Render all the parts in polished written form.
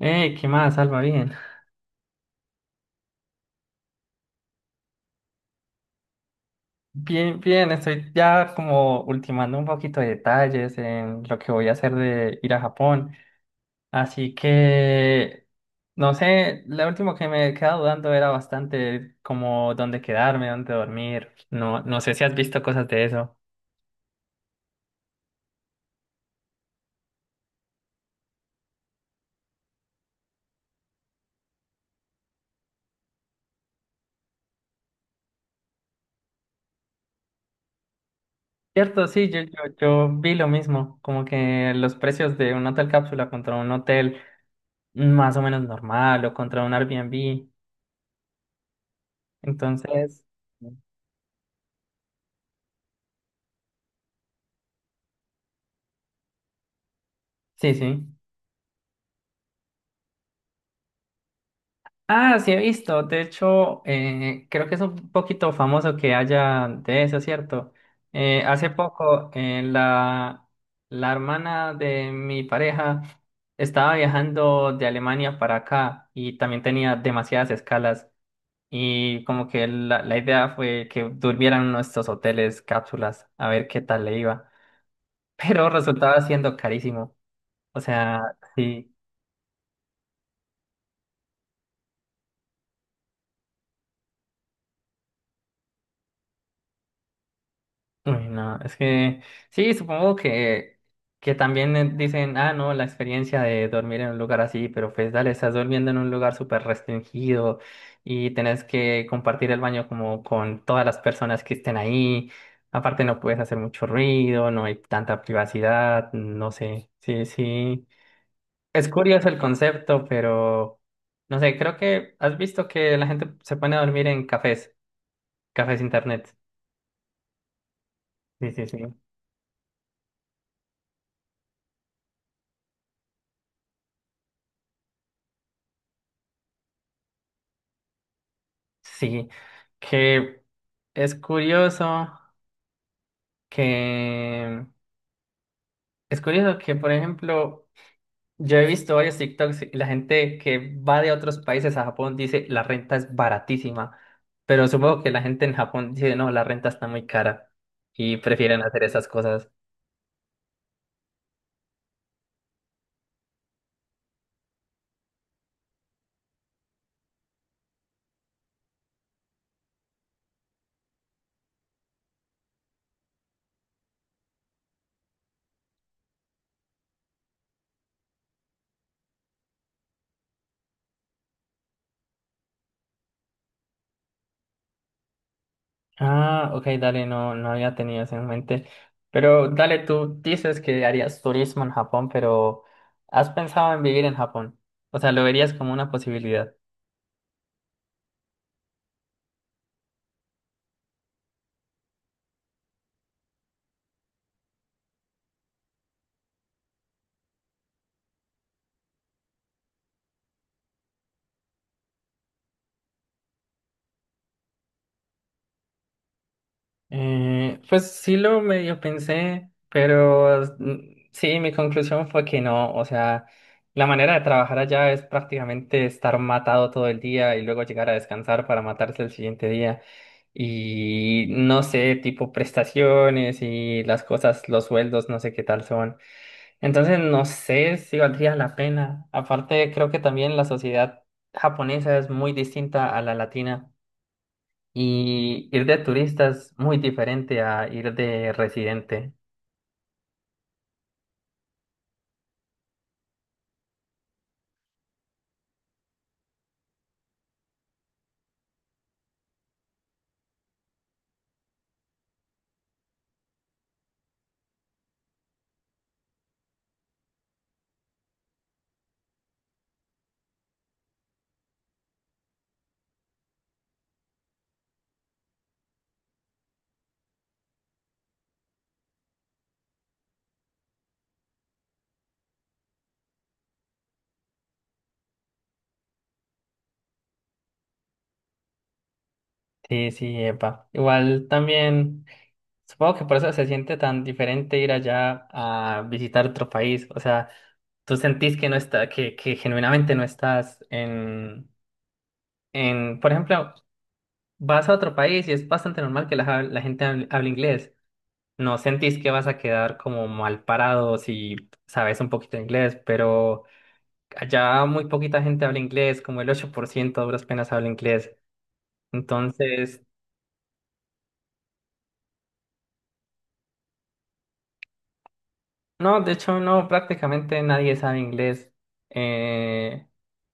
Hey, ¿qué más, Alma? Bien. Bien, bien, estoy ya como ultimando un poquito de detalles en lo que voy a hacer de ir a Japón. Así que, no sé, lo último que me quedaba dudando era bastante como dónde quedarme, dónde dormir. No, no sé si has visto cosas de eso. Cierto, sí, yo vi lo mismo, como que los precios de un hotel cápsula contra un hotel más o menos normal o contra un Airbnb. Entonces, sí, sí. Ah, sí he visto. De hecho, creo que es un poquito famoso que haya de eso, ¿cierto? Hace poco, la hermana de mi pareja estaba viajando de Alemania para acá y también tenía demasiadas escalas y como que la idea fue que durmieran en nuestros hoteles, cápsulas, a ver qué tal le iba. Pero resultaba siendo carísimo. O sea, sí. Uy, no, es que sí, supongo que también dicen, ah, no, la experiencia de dormir en un lugar así, pero pues dale, estás durmiendo en un lugar súper restringido y tenés que compartir el baño como con todas las personas que estén ahí. Aparte no puedes hacer mucho ruido, no hay tanta privacidad, no sé, sí, sí. Es curioso el concepto, pero no sé, creo que has visto que la gente se pone a dormir en cafés, cafés internet. Sí, sí, sí. Sí, que es curioso que es curioso que, por ejemplo, yo he visto varios TikToks y la gente que va de otros países a Japón dice la renta es baratísima, pero supongo que la gente en Japón dice no, la renta está muy cara y prefieren hacer esas cosas. Ah, ok, dale, no, no había tenido eso en mente. Pero dale, tú dices que harías turismo en Japón, pero ¿has pensado en vivir en Japón? O sea, ¿lo verías como una posibilidad? Pues sí lo medio pensé, pero mm, sí, mi conclusión fue que no, o sea, la manera de trabajar allá es prácticamente estar matado todo el día y luego llegar a descansar para matarse el siguiente día. Y no sé, tipo prestaciones y las cosas, los sueldos, no sé qué tal son. Entonces no sé si valdría la pena. Aparte, creo que también la sociedad japonesa es muy distinta a la latina. Y ir de turista es muy diferente a ir de residente. Sí, sí, epa. Igual también, supongo que por eso se siente tan diferente ir allá a visitar otro país. O sea, tú sentís que no está, que genuinamente no estás en, por ejemplo, vas a otro país y es bastante normal que la gente hable inglés. No sentís que vas a quedar como mal parado si sabes un poquito de inglés, pero allá muy poquita gente habla inglés, como el 8% a duras penas habla inglés. Entonces, no, de hecho, no, prácticamente nadie sabe inglés. Eh,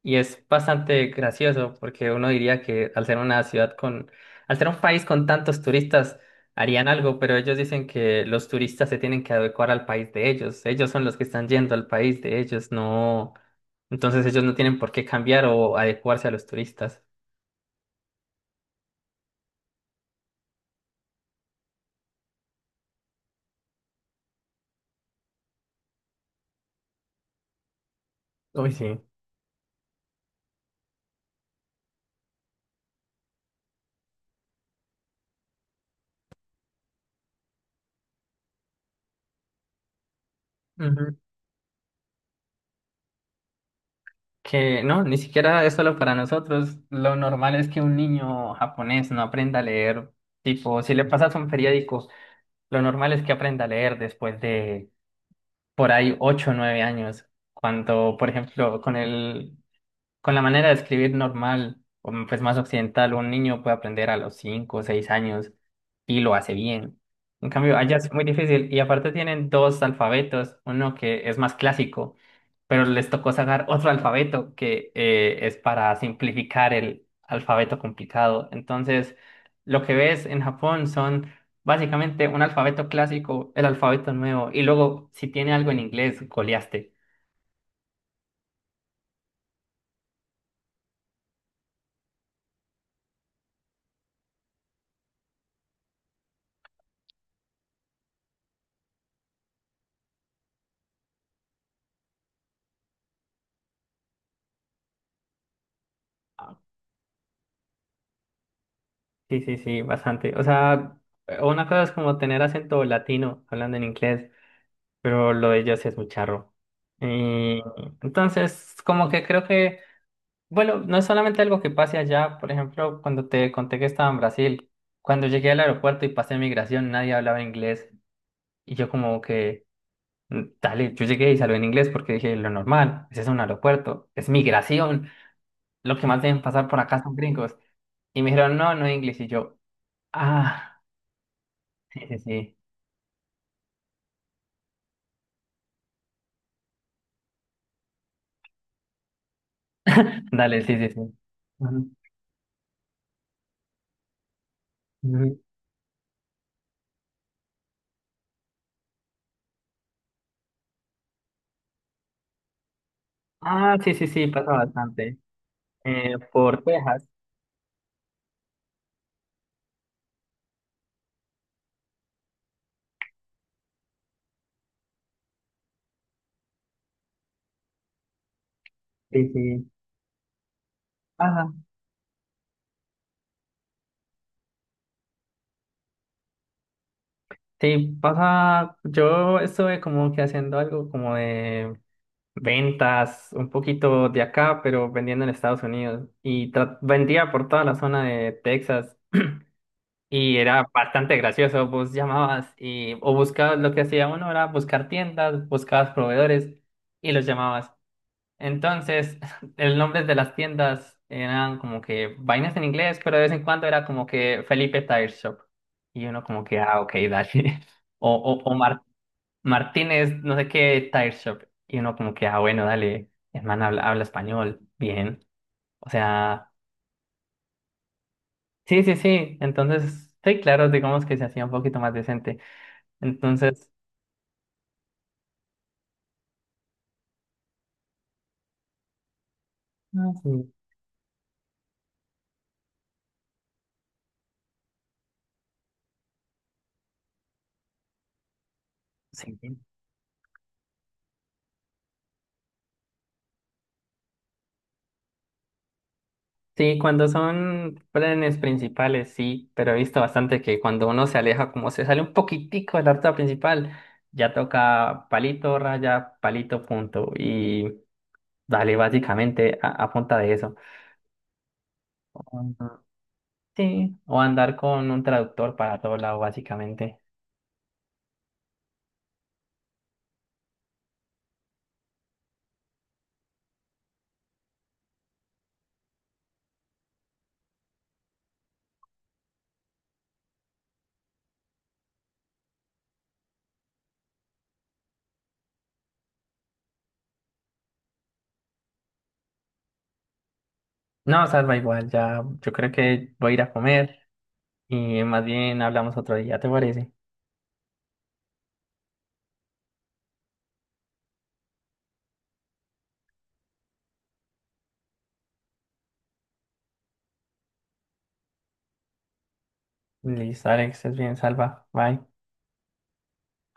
y es bastante gracioso porque uno diría que al ser un país con tantos turistas, harían algo, pero ellos dicen que los turistas se tienen que adecuar al país de ellos. Ellos son los que están yendo al país de ellos, no. Entonces ellos no tienen por qué cambiar o adecuarse a los turistas. Uy, sí. Ujú. Que no, ni siquiera es solo para nosotros. Lo normal es que un niño japonés no aprenda a leer. Tipo, si le pasas un periódico, lo normal es que aprenda a leer después de por ahí 8 o 9 años. Cuando, por ejemplo, con la manera de escribir normal, o pues más occidental, un niño puede aprender a los 5, o 6 años y lo hace bien. En cambio, allá es muy difícil y aparte tienen dos alfabetos, uno que es más clásico, pero les tocó sacar otro alfabeto que es para simplificar el alfabeto complicado. Entonces, lo que ves en Japón son básicamente un alfabeto clásico, el alfabeto nuevo y luego si tiene algo en inglés, goleaste. Sí, sí, sí, bastante. O sea, una cosa es como tener acento latino hablando en inglés, pero lo de ellos es muy charro. Y entonces, como que creo que, bueno, no es solamente algo que pase allá. Por ejemplo, cuando te conté que estaba en Brasil, cuando llegué al aeropuerto y pasé migración, nadie hablaba inglés. Y yo como que, mm, dale, yo llegué y salí en inglés porque dije, lo normal, ese es un aeropuerto, es migración, lo que más deben pasar por acá son gringos. Y me dijeron, no, no inglés. Y yo, ah, sí, sí, sí. Dale, sí, sí, sí. Ujú, ujú. Ah, sí, sí, sí, pasa bastante. Por Texas. Sí, sí. Ajá. Sí, pasa. Yo estuve como que haciendo algo como de ventas, un poquito de acá, pero vendiendo en Estados Unidos. Y vendía por toda la zona de Texas. Y era bastante gracioso. Vos llamabas y, o buscabas, lo que hacía uno era buscar tiendas, buscabas proveedores y los llamabas. Entonces, el nombre de las tiendas eran como que vainas en inglés, pero de vez en cuando era como que Felipe Tire Shop. Y uno como que, ah, ok, dale. O, o, o Mar- Martínez, no sé qué, Tire Shop. Y uno como que, ah, bueno, dale, hermano, habla español, bien. O sea, sí, sí, sí. Entonces, sí, claro, digamos que se hacía un poquito más decente. Entonces, Mm. sí, sí. Sí, cuando son planes principales, sí, pero he visto bastante que cuando uno se aleja, como se sale un poquitico de la ruta principal, ya toca palito, raya, palito, punto. Y dale, básicamente a punta de eso. Ujú. Sí, o andar con un traductor para todo lado, básicamente. No, salva igual, ya yo creo que voy a ir a comer y más bien hablamos otro día, ¿te parece? Listo, Alex, es bien, salva, bye.